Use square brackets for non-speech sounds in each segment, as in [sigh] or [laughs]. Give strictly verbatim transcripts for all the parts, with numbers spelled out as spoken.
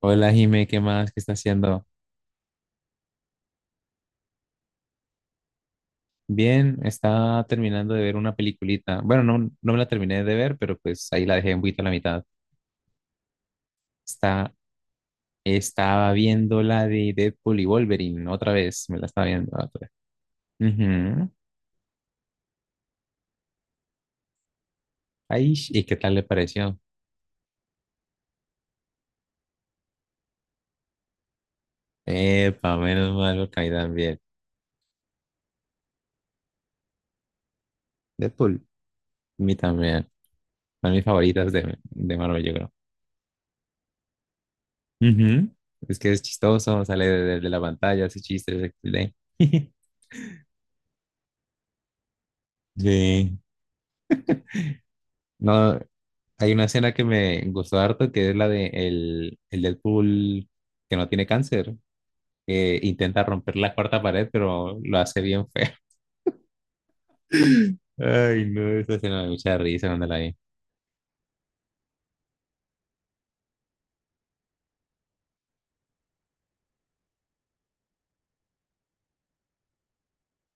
Hola Jime, ¿qué más? ¿Qué está haciendo? Bien, está terminando de ver una peliculita. Bueno, no, no me la terminé de ver, pero pues ahí la dejé un poquito a la mitad. Está, Estaba viendo la de Deadpool y Wolverine otra vez, me la estaba viendo otra vez. Ujú. Ay, ¿y qué tal le pareció? Epa, menos mal porque a mí también. Deadpool, a mí también. Son mis favoritas de, de Marvel, yo creo. Ujú. Es que es chistoso, sale de, de- de la pantalla, hace chistes, equis de. [laughs] Sí. No. Hay una escena que me gustó harto, que es la de el, el Deadpool que no tiene cáncer, que intenta romper la cuarta pared, pero lo hace bien feo. [laughs] Ay, no, esa escena me da mucha risa cuando la vi.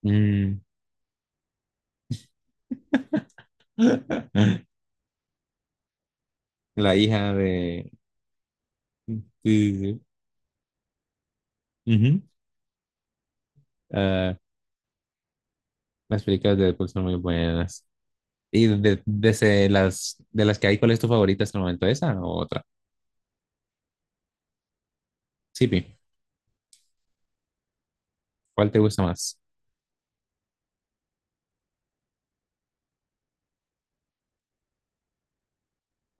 Mm. [laughs] La hija de... Sí, sí, sí. Ujú. Ah, las películas de Deadpool son muy buenas. ¿Y de, de ese- las, de las que hay, cuál es tu favorita hasta el momento? ¿Esa o otra? Sí, Pi, ¿cuál te gusta más?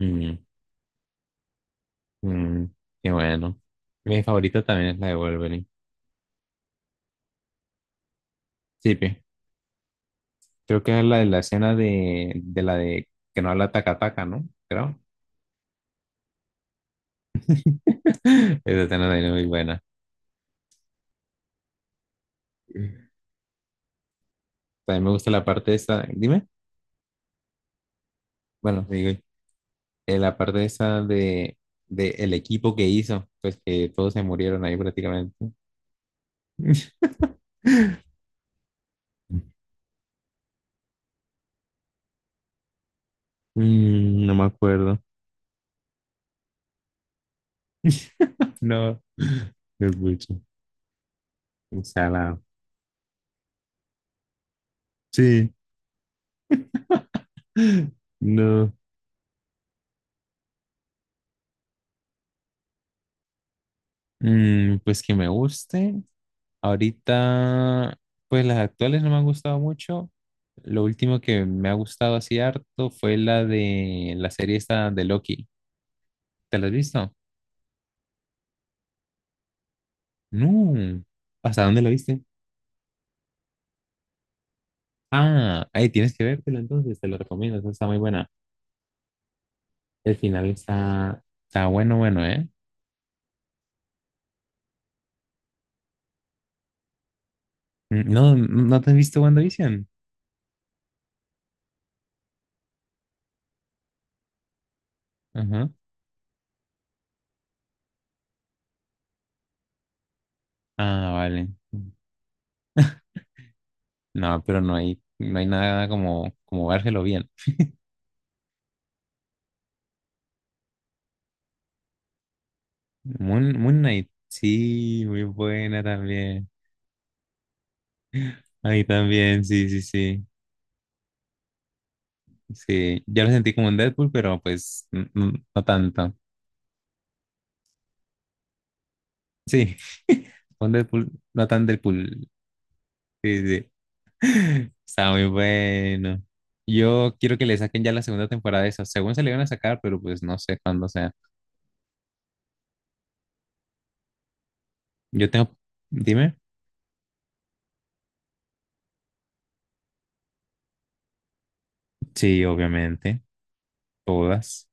Mm. Mm, qué bueno. Mi favorita también es la de Wolverine. Sí, pi. Creo que es la de la escena de, de la de que no habla taca taca, ¿no? Creo. [laughs] Esa escena también es muy buena. También me gusta la parte esa, dime, bueno, digo, eh, la parte esa de, de el equipo que hizo, pues que todos se murieron ahí prácticamente. [laughs] Mm, no me acuerdo. No, es mucho. O sea, la... Sí. No. Mm, pues que me guste. Ahorita, pues las actuales no me han gustado mucho. Lo último que me ha gustado así harto fue la de la serie esta de Loki. ¿Te la has visto? No. ¿Hasta dónde la viste? Ah, ahí tienes que vértela entonces, te lo recomiendo, esa está muy buena. El final está, está bueno, bueno, ¿eh? No, ¿no te has visto WandaVision? Ajá. Ah, vale. No, pero no hay, no hay nada como, como vérselo bien. Moon, Moon Knight, sí, muy buena también. A mí también, sí, sí, sí. Sí, yo lo sentí como un Deadpool, pero pues n- n- no tanto. Sí, [laughs] un Deadpool, no tan Deadpool. Sí, sí. [laughs] Está muy bueno. Yo quiero que le saquen ya la segunda temporada de eso. Según se le iban a sacar, pero pues no sé cuándo sea. Yo tengo. Dime. Sí, obviamente. Todas.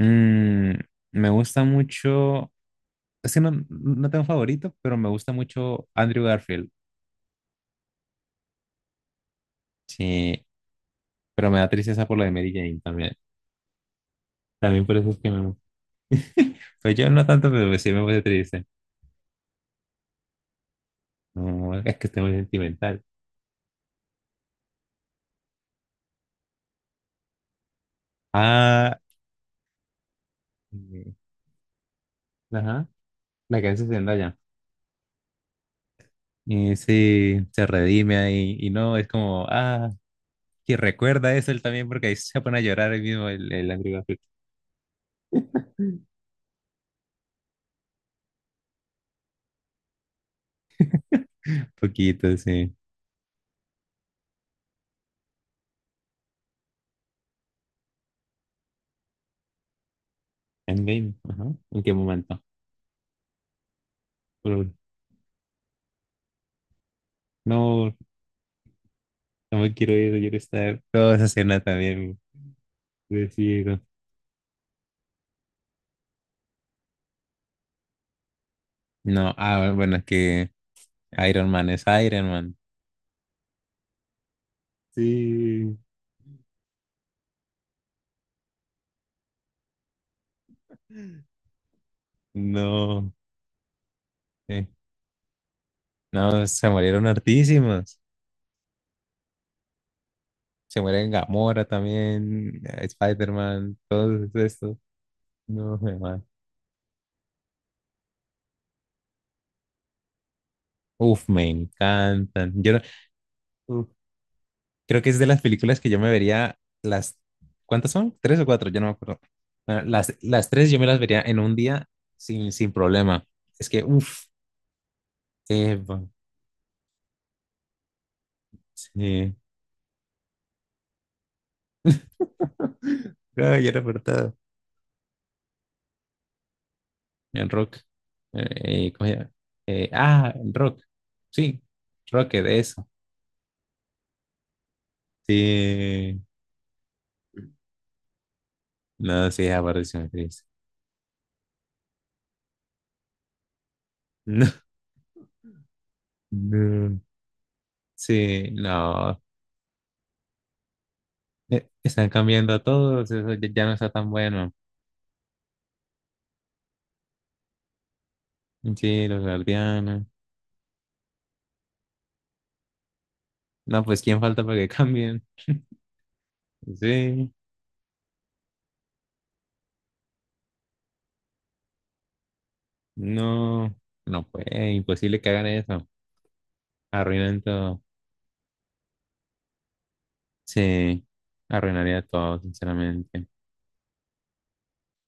Mm, me gusta mucho. Es que no, no tengo favorito, pero me gusta mucho Andrew Garfield. Sí, pero me da tristeza por lo de Mary Jane también. También por eso es que me... Pues yo no tanto, pero pues sí me puse triste. No, es que estoy muy sentimental. Ah, eh, ajá, la que hace Zendaya. Y sí, se redime ahí. Y no, es como, ah, que recuerda eso él también, porque ahí se pone a llorar el mismo, el, el Angry Birds. Poquito, sí. Endgame, ajá. ¿En qué momento? Pero no, no me quiero ir, quiero estar. Toda esa escena también, decido. No, ah, bueno, es que Iron Man es Iron Man. Sí. No, eh, no, se murieron hartísimas. Se mueren Gamora también, eh, Spider-Man, todos estos. No, me ma- uf, me encantan. Yo no- uf, creo que es de las películas que yo me vería las... ¿Cuántas son? ¿Tres o cuatro? Yo no me acuerdo. Ah, Las, las tres yo me las vería en un día sin, sin problema. Es que, uf, eh, sí. [laughs] No, yo era En rock. Eh, ¿cómo se llama? Eh, ah, en rock. Sí, Rocket, eso. Sí. No, sí, apareció una actriz. No, no. Sí, no. Eh, están cambiando a todos. Eso ya ya no está tan bueno. Sí, los guardianes. No, pues ¿quién falta para que cambien? Sí. No. No, pues imposible que hagan eso. Arruinan todo. Sí. Arruinaría todo, sinceramente.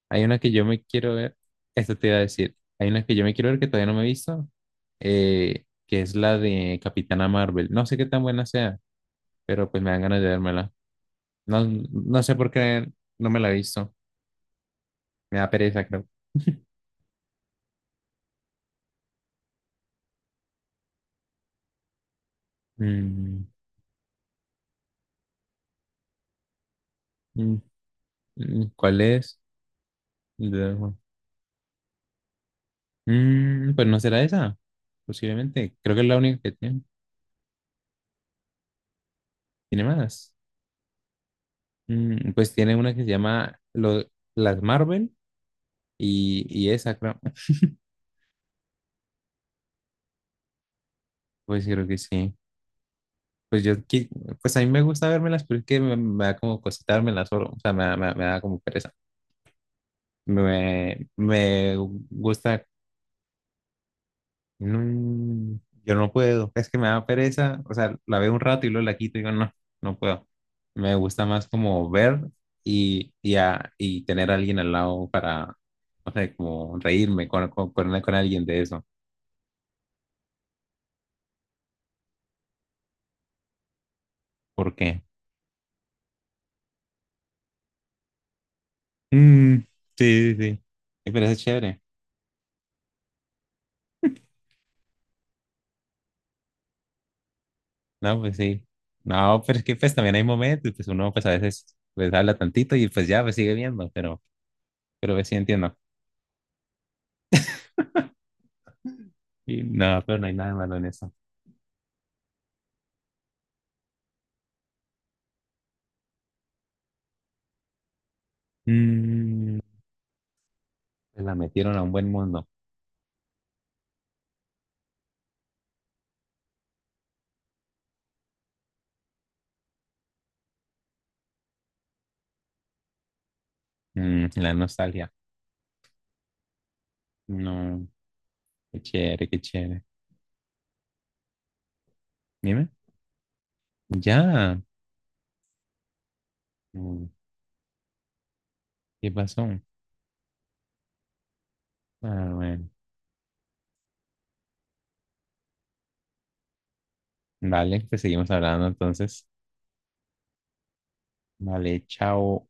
Hay una que yo me quiero ver, esto te iba a decir, hay una que yo me quiero ver que todavía no me he visto, eh, que es la de Capitana Marvel. No sé qué tan buena sea, pero pues me dan ganas de vérmela. No, no sé por qué no me la he visto, me da pereza, creo. [laughs] Mm, mm, mm, ¿cuál es? De- Mm, pues no será esa, posiblemente. Creo que es la única que tiene. ¿Tiene más? Mm, pues tiene una que se llama lo- Las Marvel y, y esa, creo. Pues creo que sí. Pues yo, qui- pues a mí me gusta vérmelas pero es que me, me da como cosita vermelas solo, o sea, me, da- me, da me da como pereza. Me, me gusta, no, yo no puedo, es que me da pereza, o sea, la veo un rato y luego la quito y digo, no, no puedo. Me gusta más como ver y, y, a- y tener a alguien al lado para, no sé, como reírme con, con, con, con alguien de eso. ¿Por qué? Mm, sí, sí, sí. Ay, pero eso es chévere. No, pues sí. No, pero es que pues también hay momentos, pues uno pues a veces pues habla tantito y pues ya, pues sigue viendo, pero, pero pues, sí entiendo. Y no, pero no hay nada malo en eso. Mm, pues, la metieron a un buen mundo. Mm, la nostalgia. No, qué chévere, qué chévere. Dime. Ya. Mm, ¿qué pasó? Ah, bueno. Vale, pues seguimos hablando entonces. Vale, chao.